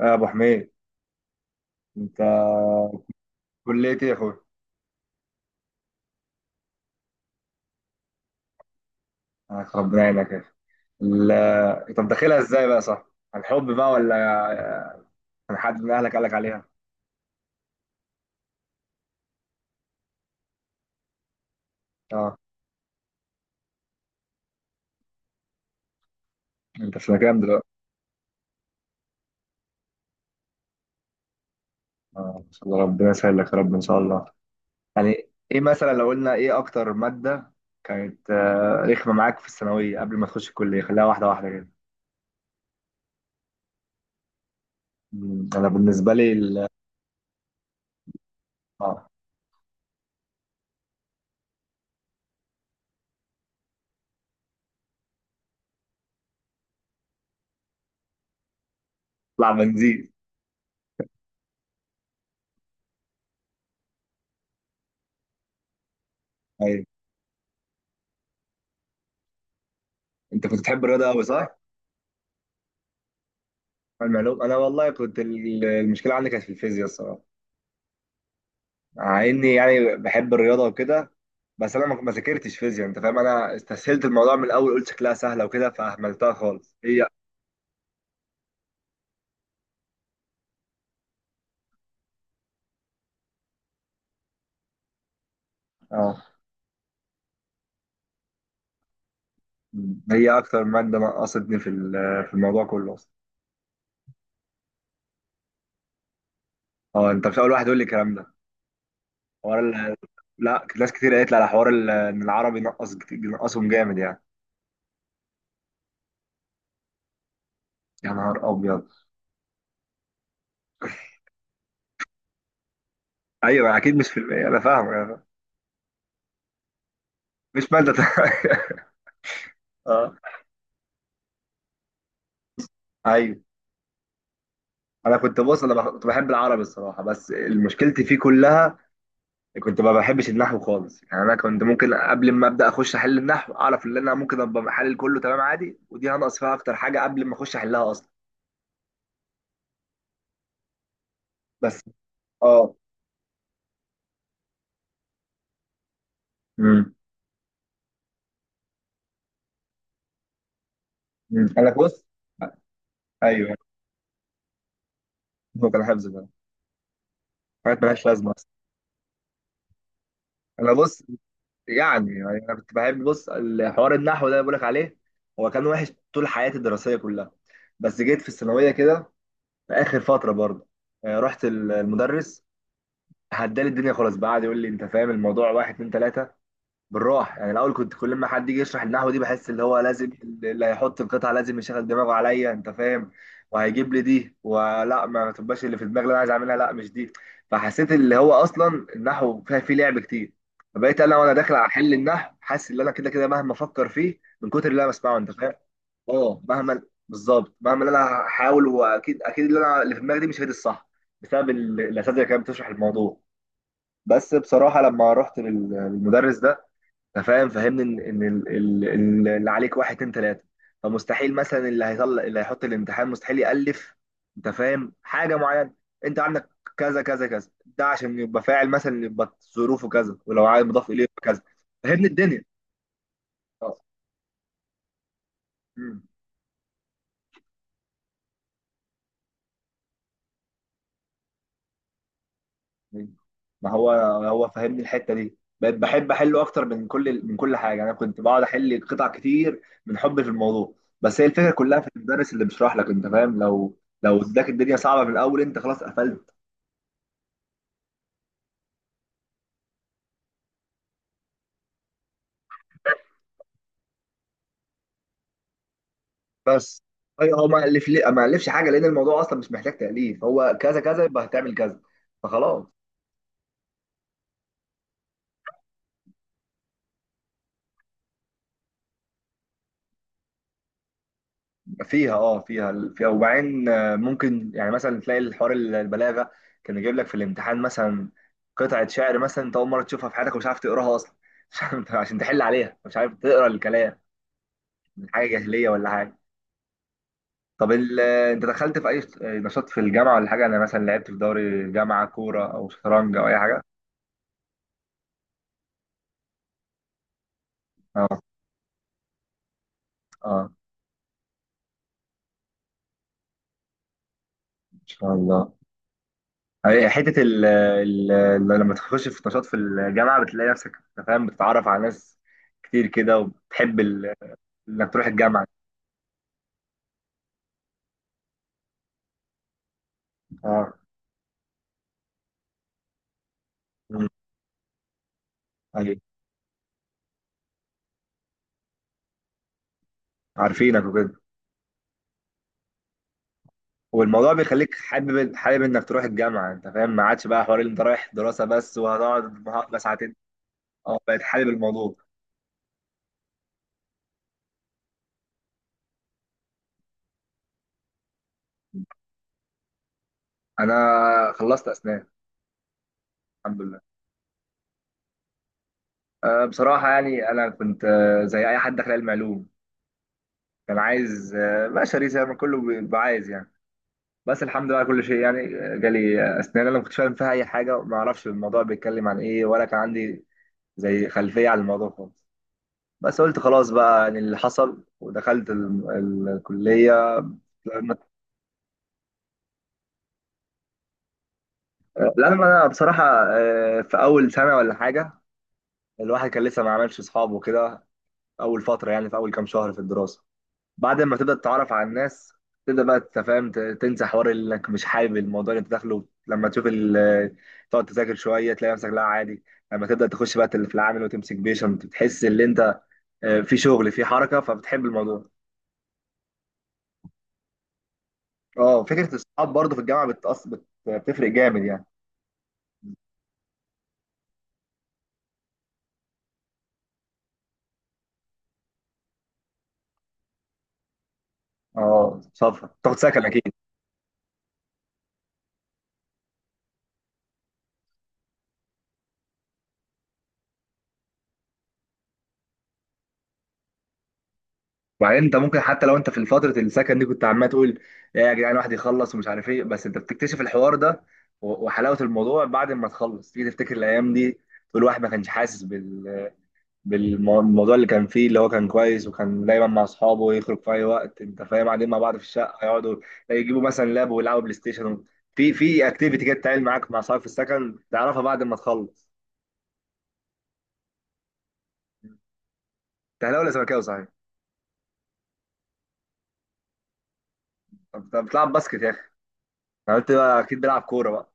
يا ابو حميد، انت. كليه ايه يا اخويا؟ آه، ربنا يعينك يا اخي. طب داخلها ازاي بقى، صح؟ عن حب بقى، ولا آه، عن حد من اهلك قالك عليها؟ اه، انت في مكان دلوقتي؟ اه، ان شاء الله. ربنا يسهل لك يا رب، ان شاء الله. يعني ايه مثلا؟ لو قلنا ايه اكتر ماده كانت رخمه معاك في الثانويه قبل ما تخش الكليه، خليها واحده واحده كده. انا بالنسبه لي ال- اه، اطلع بنزين. ايوه، انت كنت بتحب الرياضه قوي، صح؟ المعلوم، انا والله كنت المشكله عندي كانت في الفيزياء الصراحه. مع اني يعني بحب الرياضه وكده. بس انا ما ذاكرتش فيزياء، انت فاهم. انا استسهلت الموضوع من الاول، قلت شكلها سهله وكده، فاهملتها خالص هي. اه، هي اكتر ماده نقصتني في الموضوع كله اصلا. اه، انت مش اول واحد يقول لي الكلام ده. حوار ال... لا، ناس كتير قالت لي على حوار ان العربي نقصهم جامد يعني. يا نهار ابيض! ايوه اكيد، مش في انا فاهم. أنا فاهم. مش ماده اه. ايوه، انا كنت بص كنت بحب العربي الصراحه، بس مشكلتي فيه كلها. كنت ما بحبش النحو خالص، يعني انا كنت ممكن قبل ما ابدا اخش احل النحو اعرف ان انا ممكن ابقى محلل كله تمام عادي، ودي هنقص فيها اكتر حاجه قبل ما اخش احلها اصلا. بس، اه، امم أمم. انا بص. ايوه، هو كان حفظ بقى. حاجات مالهاش لازمه اصلا. انا بص، يعني انا كنت بحب بص الحوار النحو ده اللي بقولك عليه، هو كان وحش طول حياتي الدراسيه كلها. بس جيت في الثانويه كده، في اخر فتره برضه رحت المدرس، هدالي الدنيا خلاص بقى، قعد يقول لي انت فاهم الموضوع واحد اتنين تلاته بالراحه يعني. الاول كنت كل ما حد يجي يشرح النحو دي بحس اللي هو لازم اللي هيحط القطعه لازم يشغل دماغه عليا، انت فاهم، وهيجيب لي دي ولا ما تبقاش اللي في دماغي اللي انا عايز اعملها، لا مش دي. فحسيت اللي هو اصلا النحو فيه لعب كتير، فبقيت انا وانا داخل على حل النحو حاسس ان انا كده كده مهما افكر فيه من كتر اللي انا بسمعه، انت فاهم. اه، بالظبط. مهما اللي انا هحاول، واكيد اكيد اللي في دماغي دي مش هي دي الصح، بسبب الاساتذه اللي كانت بتشرح الموضوع. بس بصراحه لما رحت للمدرس ده، فاهم، فهمني ان اللي عليك واحد اتنين تلاته، فمستحيل مثلا اللي هيحط الامتحان مستحيل يالف، انت فاهم، حاجه معينه. انت عندك كذا كذا كذا ده عشان يبقى فاعل مثلا، يبقى ظروفه كذا، ولو عايز مضاف اليه يبقى كذا. فهمني الدنيا. اه. مم. ما هو، هو فهمني الحته دي، بقيت بحب احله اكتر من كل ال- من كل حاجه. انا كنت بقعد احل قطع كتير من حبي في الموضوع. بس هي الفكره كلها في المدرس اللي بيشرح لك، انت فاهم. لو اداك الدنيا صعبه من الاول، انت خلاص قفلت. بس اي، هو ما الف ليه؟ ما الفش حاجه لان الموضوع اصلا مش محتاج تاليف، هو كذا كذا يبقى هتعمل كذا. فخلاص. فيها اه فيها فيها، وبعدين ممكن يعني مثلا تلاقي الحوار البلاغه كان يجيب لك في الامتحان مثلا قطعه شعر، مثلا انت اول مره تشوفها في حياتك ومش عارف تقراها اصلا. عشان تحل عليها مش عارف تقرا الكلام، من حاجه جاهليه ولا حاجه. طب انت دخلت في اي نشاط في الجامعه ولا حاجه؟ انا مثلا لعبت في دوري الجامعه كوره او شطرنج او اي حاجه. اه اه، ان شاء الله. أي حته ال ال لما تخش في نشاط في الجامعه بتلاقي نفسك، أنت فاهم، بتتعرف على ناس كتير كده، وبتحب انك تروح الجامعه. اه. أمم. أي. عارفينك وكده. والموضوع بيخليك حابب حابب انك تروح الجامعه، انت فاهم، ما عادش بقى حوار اللي انت رايح دراسه بس وهتقعد بس ساعتين. اه، بقيت حابب الموضوع. انا خلصت اسنان. الحمد لله. أه، بصراحه يعني انا كنت زي اي حد داخل علم علوم، كان عايز بشري زي ما كله بيبقى عايز يعني. بس الحمد لله على كل شيء يعني. جالي اسنان، انا ما كنتش فاهم فيها اي حاجه وما اعرفش الموضوع بيتكلم عن ايه، ولا كان عندي زي خلفيه عن الموضوع خالص. بس قلت خلاص بقى يعني اللي حصل، ودخلت الكليه. لأن لأن انا بصراحه في اول سنه ولا حاجه، الواحد كان لسه ما عملش اصحاب وكده. اول فتره يعني، في اول كام شهر في الدراسه، بعد ما تبدا تتعرف على الناس تبدا بقى تفهم، تنسى حوار انك مش حابب الموضوع اللي انت داخله. لما تشوف تقعد تذاكر شويه تلاقي نفسك لا عادي. لما تبدا تخش بقى في العامل وتمسك بيشنت بتحس ان انت في شغل في حركه، فبتحب الموضوع. اه، فكره الصحاب برضه في الجامعه بتفرق جامد يعني. اه، سفر، تاخد سكن اكيد. وبعدين انت ممكن حتى لو انت في فتره السكن دي كنت عمال تقول: يا جدعان، الواحد يخلص ومش عارف ايه. بس انت بتكتشف الحوار ده وحلاوه الموضوع بعد ما تخلص تيجي تفتكر الايام دي، تقول الواحد ما كانش حاسس بالموضوع اللي كان فيه، اللي هو كان كويس وكان دايما مع اصحابه، يخرج في اي وقت، انت فاهم، قاعدين مع بعض في الشقه، يقعدوا يجيبوا مثلا لاب ويلعبوا بلاي ستيشن. في اكتيفيتي كده بتتعمل معاك مع اصحابك في السكن تعرفها بعد ما تخلص. انت اهلاوي ولا زملكاوي صحيح؟ طب طب، بتلعب باسكت يا اخي. أنا قلت بقى اكيد بلعب كوره بقى.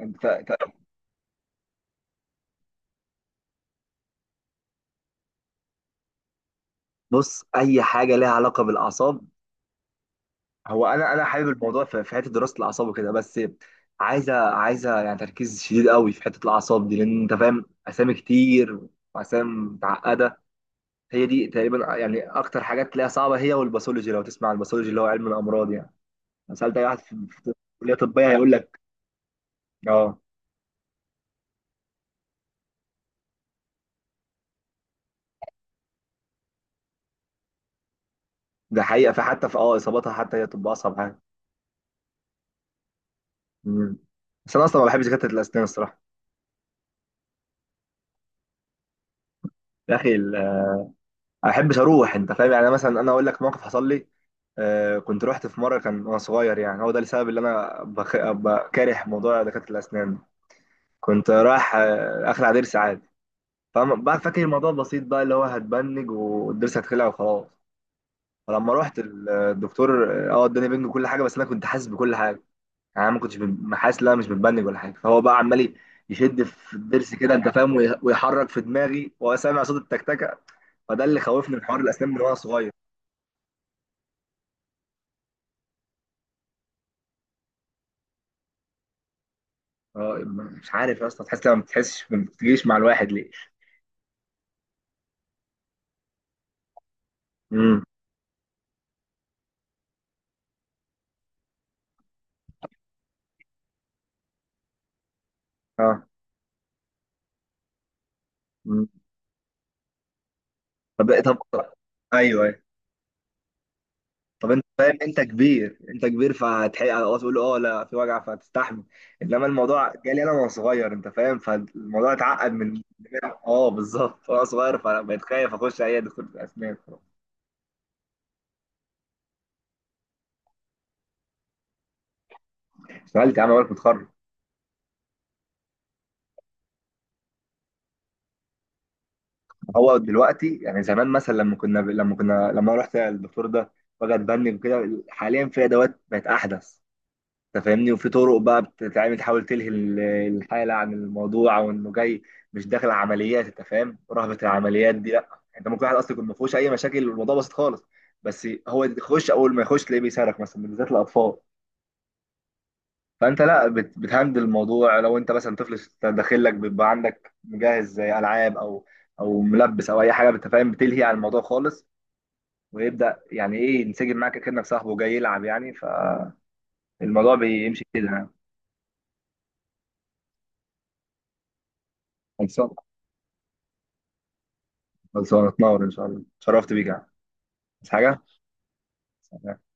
انت بص، اي حاجه ليها علاقه بالاعصاب. هو انا حابب الموضوع في حته دراسه الاعصاب وكده، بس عايزه عايزه يعني تركيز شديد قوي في حته الاعصاب دي، لان انت فاهم، اسامي كتير واسامي متعقده. هي دي تقريبا يعني اكتر حاجات تلاقيها صعبه، هي والباثولوجي. لو تسمع عن الباثولوجي، اللي هو علم الامراض يعني، لو سالت اي واحد في كليه طبيه هيقول لك اه. ده حقيقه، فحتى في اصاباتها حتى، هي طب اصعب حاجه. مم. بس انا اصلا ما بحبش دكاتره الاسنان الصراحه، يا اخي انا احبش اروح، انت فاهم يعني. أنا مثلا انا اقول لك موقف حصل لي. كنت رحت في مره كان وانا صغير، يعني هو ده السبب اللي انا بكاره موضوع دكاتره الاسنان. كنت رايح اخلع ضرس عادي. فاهم بقى، فاكر الموضوع بسيط بقى، اللي هو هتبنج والضرس هتخلع وخلاص. فلما رحت الدكتور، اه، اداني بنج وكل حاجه، بس انا كنت حاسس بكل حاجه، يعني انا ما كنتش حاسس ان انا مش متبنج ولا حاجه. فهو بقى عمال يشد في الضرس كده، انت فاهم، ويحرك في دماغي، وسامع صوت التكتكه. فده اللي خوفني من حوار الاسنان من وانا صغير. اه، مش عارف يا اسطى، تحس لما ما بتحسش، ما بتجيش مع الواحد ليه؟ امم. اه. مم. طب طب، ايوه ايوه. طب، انت فاهم، انت كبير انت كبير فهتحق تقول اه لا في وجع، فهتستحمل. انما الموضوع جالي انا وانا صغير، انت فاهم، فالموضوع اتعقد من اه بالظبط وانا صغير، فبقيت خايف اخش اي دكتور اسنان. اشتغلت يا عم بالك متخرج. هو دلوقتي يعني، زمان مثلا لما رحت الدكتور ده، وجع اتبني وكده. حاليا في ادوات بقت احدث، انت فاهمني، وفي طرق بقى بتتعمل تحاول تلهي الحاله عن الموضوع، او انه جاي مش داخل عمليات، انت فاهم، رهبه العمليات دي لا. انت ممكن واحد اصلا يكون ما فيهوش اي مشاكل والموضوع بسيط خالص، بس هو يخش، اول ما يخش تلاقيه بيصرخ مثلا، بالذات الاطفال. فانت لا بتهندل الموضوع. لو انت مثلا طفل داخل لك بيبقى عندك مجهز زي العاب او ملبس او اي حاجه، انت فاهم، بتلهي عن الموضوع خالص، ويبدا يعني ايه ينسجم معاك كانك صاحبه جاي يلعب يعني. فالموضوع بيمشي كده، يعني. خلاص، هتنور ان شاء الله. اتشرفت بيك يا عم. عايز حاجه؟ سلام.